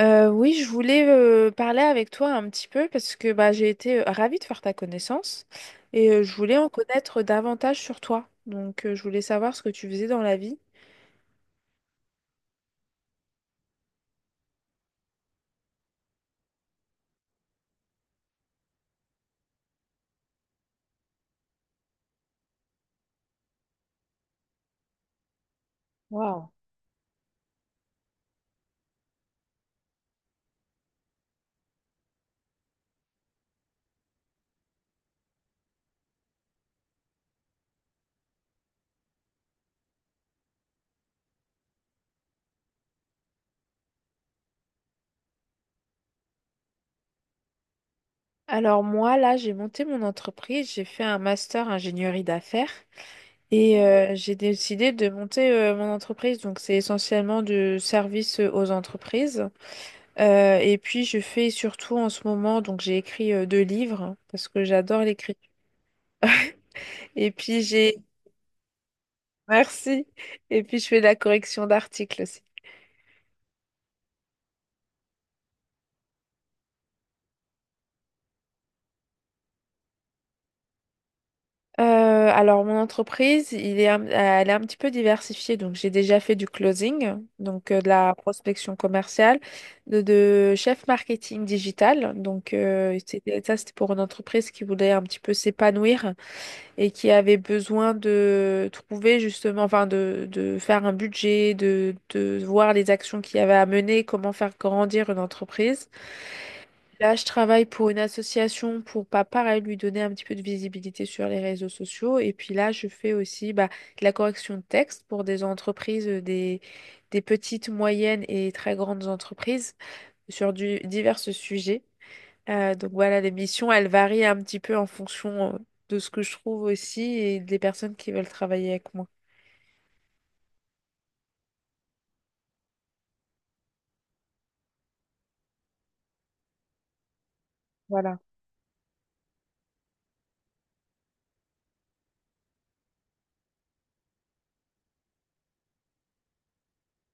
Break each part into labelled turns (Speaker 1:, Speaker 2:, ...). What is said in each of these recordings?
Speaker 1: Oui, je voulais parler avec toi un petit peu parce que j'ai été ravie de faire ta connaissance et je voulais en connaître davantage sur toi. Donc, je voulais savoir ce que tu faisais dans la vie. Wow. Alors, moi, là, j'ai monté mon entreprise, j'ai fait un master ingénierie d'affaires et j'ai décidé de monter mon entreprise. Donc, c'est essentiellement du service aux entreprises. Et puis, je fais surtout en ce moment, donc j'ai écrit deux livres parce que j'adore l'écriture. Et puis j'ai merci. Et puis je fais de la correction d'articles aussi. Alors mon entreprise, elle est un petit peu diversifiée. Donc j'ai déjà fait du closing, donc de la prospection commerciale, de chef marketing digital. Ça c'était pour une entreprise qui voulait un petit peu s'épanouir et qui avait besoin de trouver justement, enfin, de faire un budget, de voir les actions qu'il y avait à mener, comment faire grandir une entreprise. Là, je travaille pour une association pour, pas pareil, lui donner un petit peu de visibilité sur les réseaux sociaux. Et puis là, je fais aussi de la correction de texte pour des entreprises, des petites, moyennes et très grandes entreprises sur divers sujets. Donc voilà, les missions, elles varient un petit peu en fonction de ce que je trouve aussi et des personnes qui veulent travailler avec moi. Voilà.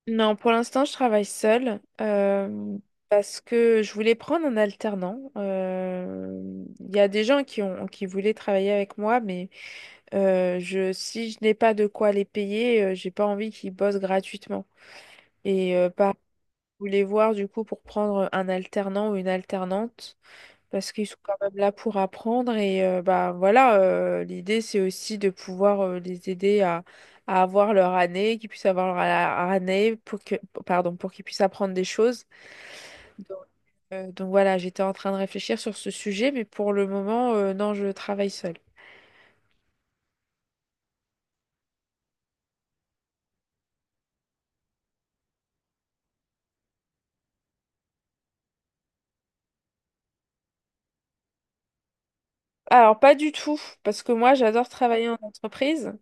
Speaker 1: Non, pour l'instant, je travaille seule parce que je voulais prendre un alternant. Il y a des gens qui voulaient travailler avec moi, mais si je n'ai pas de quoi les payer, j'ai pas envie qu'ils bossent gratuitement. Et par Je voulais voir du coup pour prendre un alternant ou une alternante parce qu'ils sont quand même là pour apprendre et bah voilà, l'idée c'est aussi de pouvoir les aider à avoir leur année, qu'ils puissent avoir leur a- année pour que pardon, pour qu'ils puissent apprendre des choses. Donc, euh, donc voilà, j'étais en train de réfléchir sur ce sujet, mais pour le moment non, je travaille seule. Alors pas du tout, parce que moi j'adore travailler en entreprise,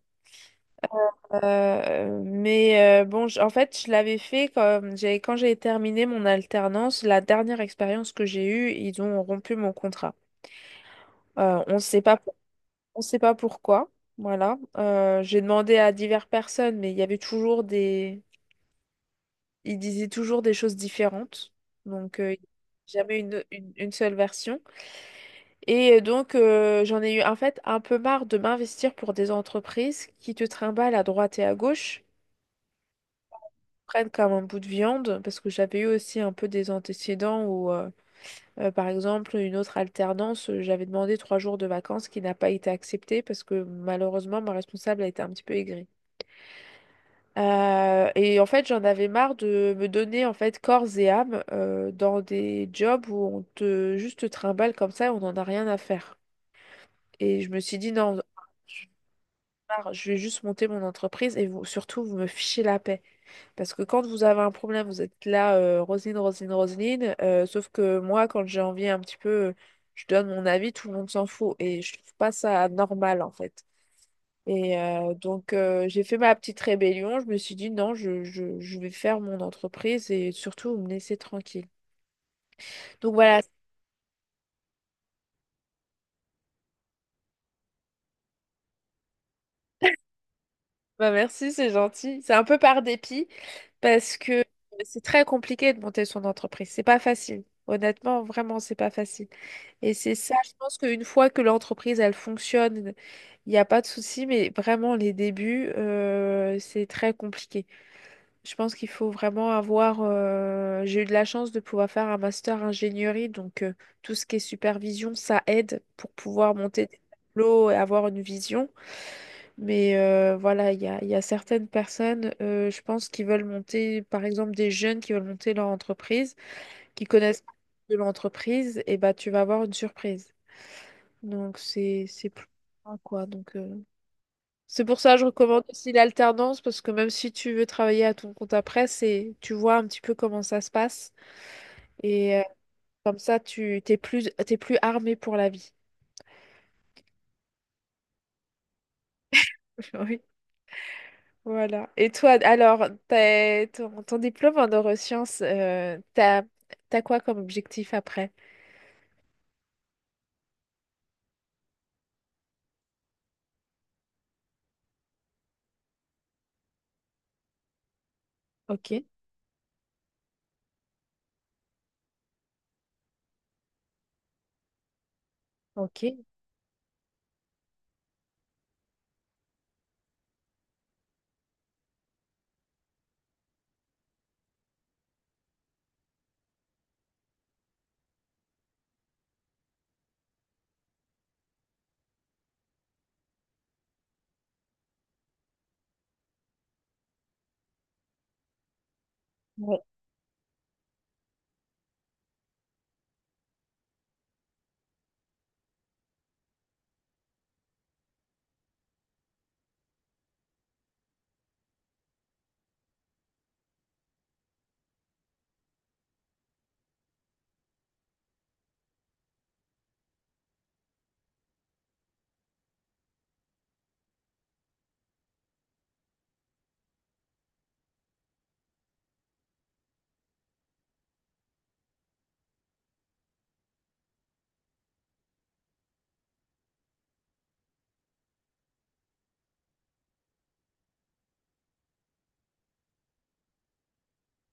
Speaker 1: mais bon, en fait je l'avais fait quand j'ai terminé mon alternance. La dernière expérience que j'ai eue, ils ont rompu mon contrat. On ne sait pas, on sait pas pourquoi. Voilà. J'ai demandé à diverses personnes, mais il y avait toujours ils disaient toujours des choses différentes. Donc, euh, Jamais une seule version. Et donc, j'en ai eu en fait un peu marre de m'investir pour des entreprises qui te trimballent à droite et à gauche, prennent comme un bout de viande, parce que j'avais eu aussi un peu des antécédents où. Par exemple, une autre alternance, j'avais demandé trois jours de vacances qui n'a pas été acceptée parce que malheureusement, ma responsable a été un petit peu aigrie. Et en fait, j'en avais marre de me donner en fait corps et âme dans des jobs où on te juste te trimballe comme ça et on n'en a rien à faire. Et je me suis dit non, j'en ai marre, je vais juste monter mon entreprise et vous, surtout, vous me fichez la paix. Parce que quand vous avez un problème, vous êtes là, Roselyne, Roselyne, Roselyne. Sauf que moi, quand j'ai envie un petit peu, je donne mon avis, tout le monde s'en fout. Et je trouve pas ça normal, en fait. Et donc, j'ai fait ma petite rébellion. Je me suis dit non, je vais faire mon entreprise et surtout, vous me laissez tranquille. Donc voilà, bah, merci, c'est gentil. C'est un peu par dépit parce que c'est très compliqué de monter son entreprise. C'est pas facile. Honnêtement, vraiment, c'est pas facile. Et c'est ça, je pense qu'une fois que l'entreprise, elle fonctionne, il n'y a pas de souci, mais vraiment, les débuts, c'est très compliqué. Je pense qu'il faut vraiment avoir. J'ai eu de la chance de pouvoir faire un master ingénierie, donc tout ce qui est supervision, ça aide pour pouvoir monter des tableaux et avoir une vision. Mais voilà, il y a certaines personnes, je pense, qui veulent monter, par exemple, des jeunes qui veulent monter leur entreprise, qui connaissent pas de l'entreprise, et bah, tu vas avoir une surprise. Donc c'est plus loin, quoi. C'est pour ça que je recommande aussi l'alternance, parce que même si tu veux travailler à ton compte après, c'est tu vois un petit peu comment ça se passe et comme ça tu t'es plus armé pour la vie. Oui. Voilà. Et toi, alors, ton, ton diplôme en neurosciences, t'as quoi comme objectif après? Ok, ok. Ouais.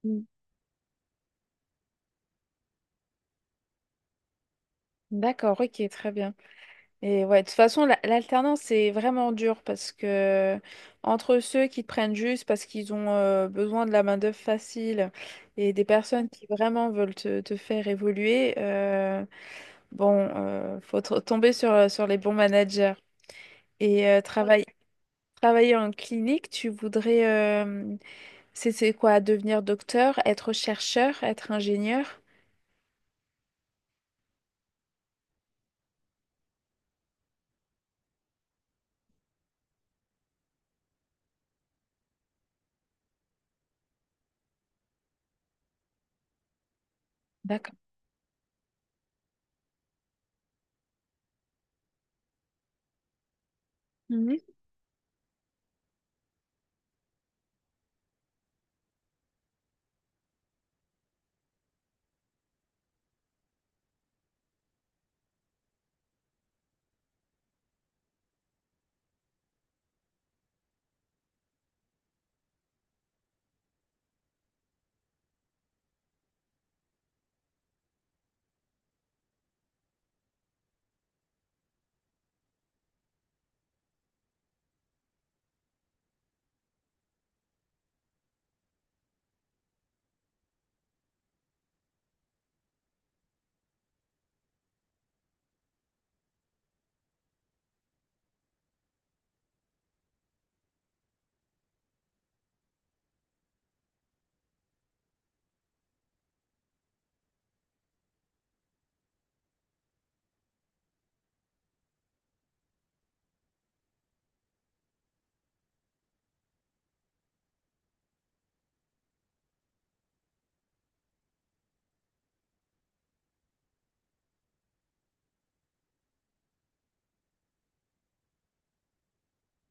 Speaker 1: Mm. D'accord, ok, très bien. Et ouais, de toute façon, l'alternance, c'est vraiment dur parce que entre ceux qui te prennent juste parce qu'ils ont besoin de la main-d'œuvre facile et des personnes qui vraiment veulent te faire évoluer, bon, faut tomber sur, sur les bons managers. Et travailler en clinique, tu voudrais, euh, c'est quoi, devenir docteur, être chercheur, être ingénieur? D'accord. Mhm.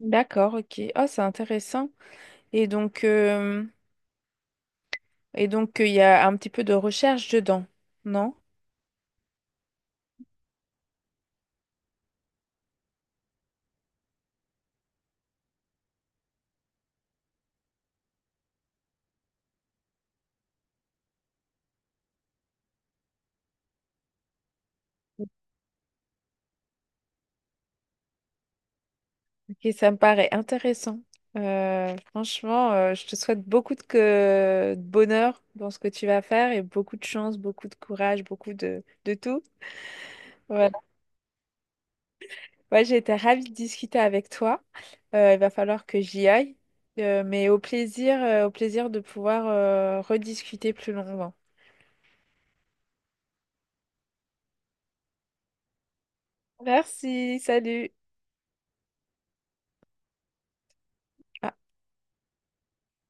Speaker 1: D'accord, ok. Oh, c'est intéressant. Et donc, euh, Et donc, il y a un petit peu de recherche dedans, non? Ok, ça me paraît intéressant. Franchement, je te souhaite beaucoup de bonheur dans ce que tu vas faire et beaucoup de chance, beaucoup de courage, beaucoup de tout. Voilà. Ouais, j'ai été ravie de discuter avec toi. Il va falloir que j'y aille, mais au plaisir de pouvoir rediscuter plus longuement. Merci, salut.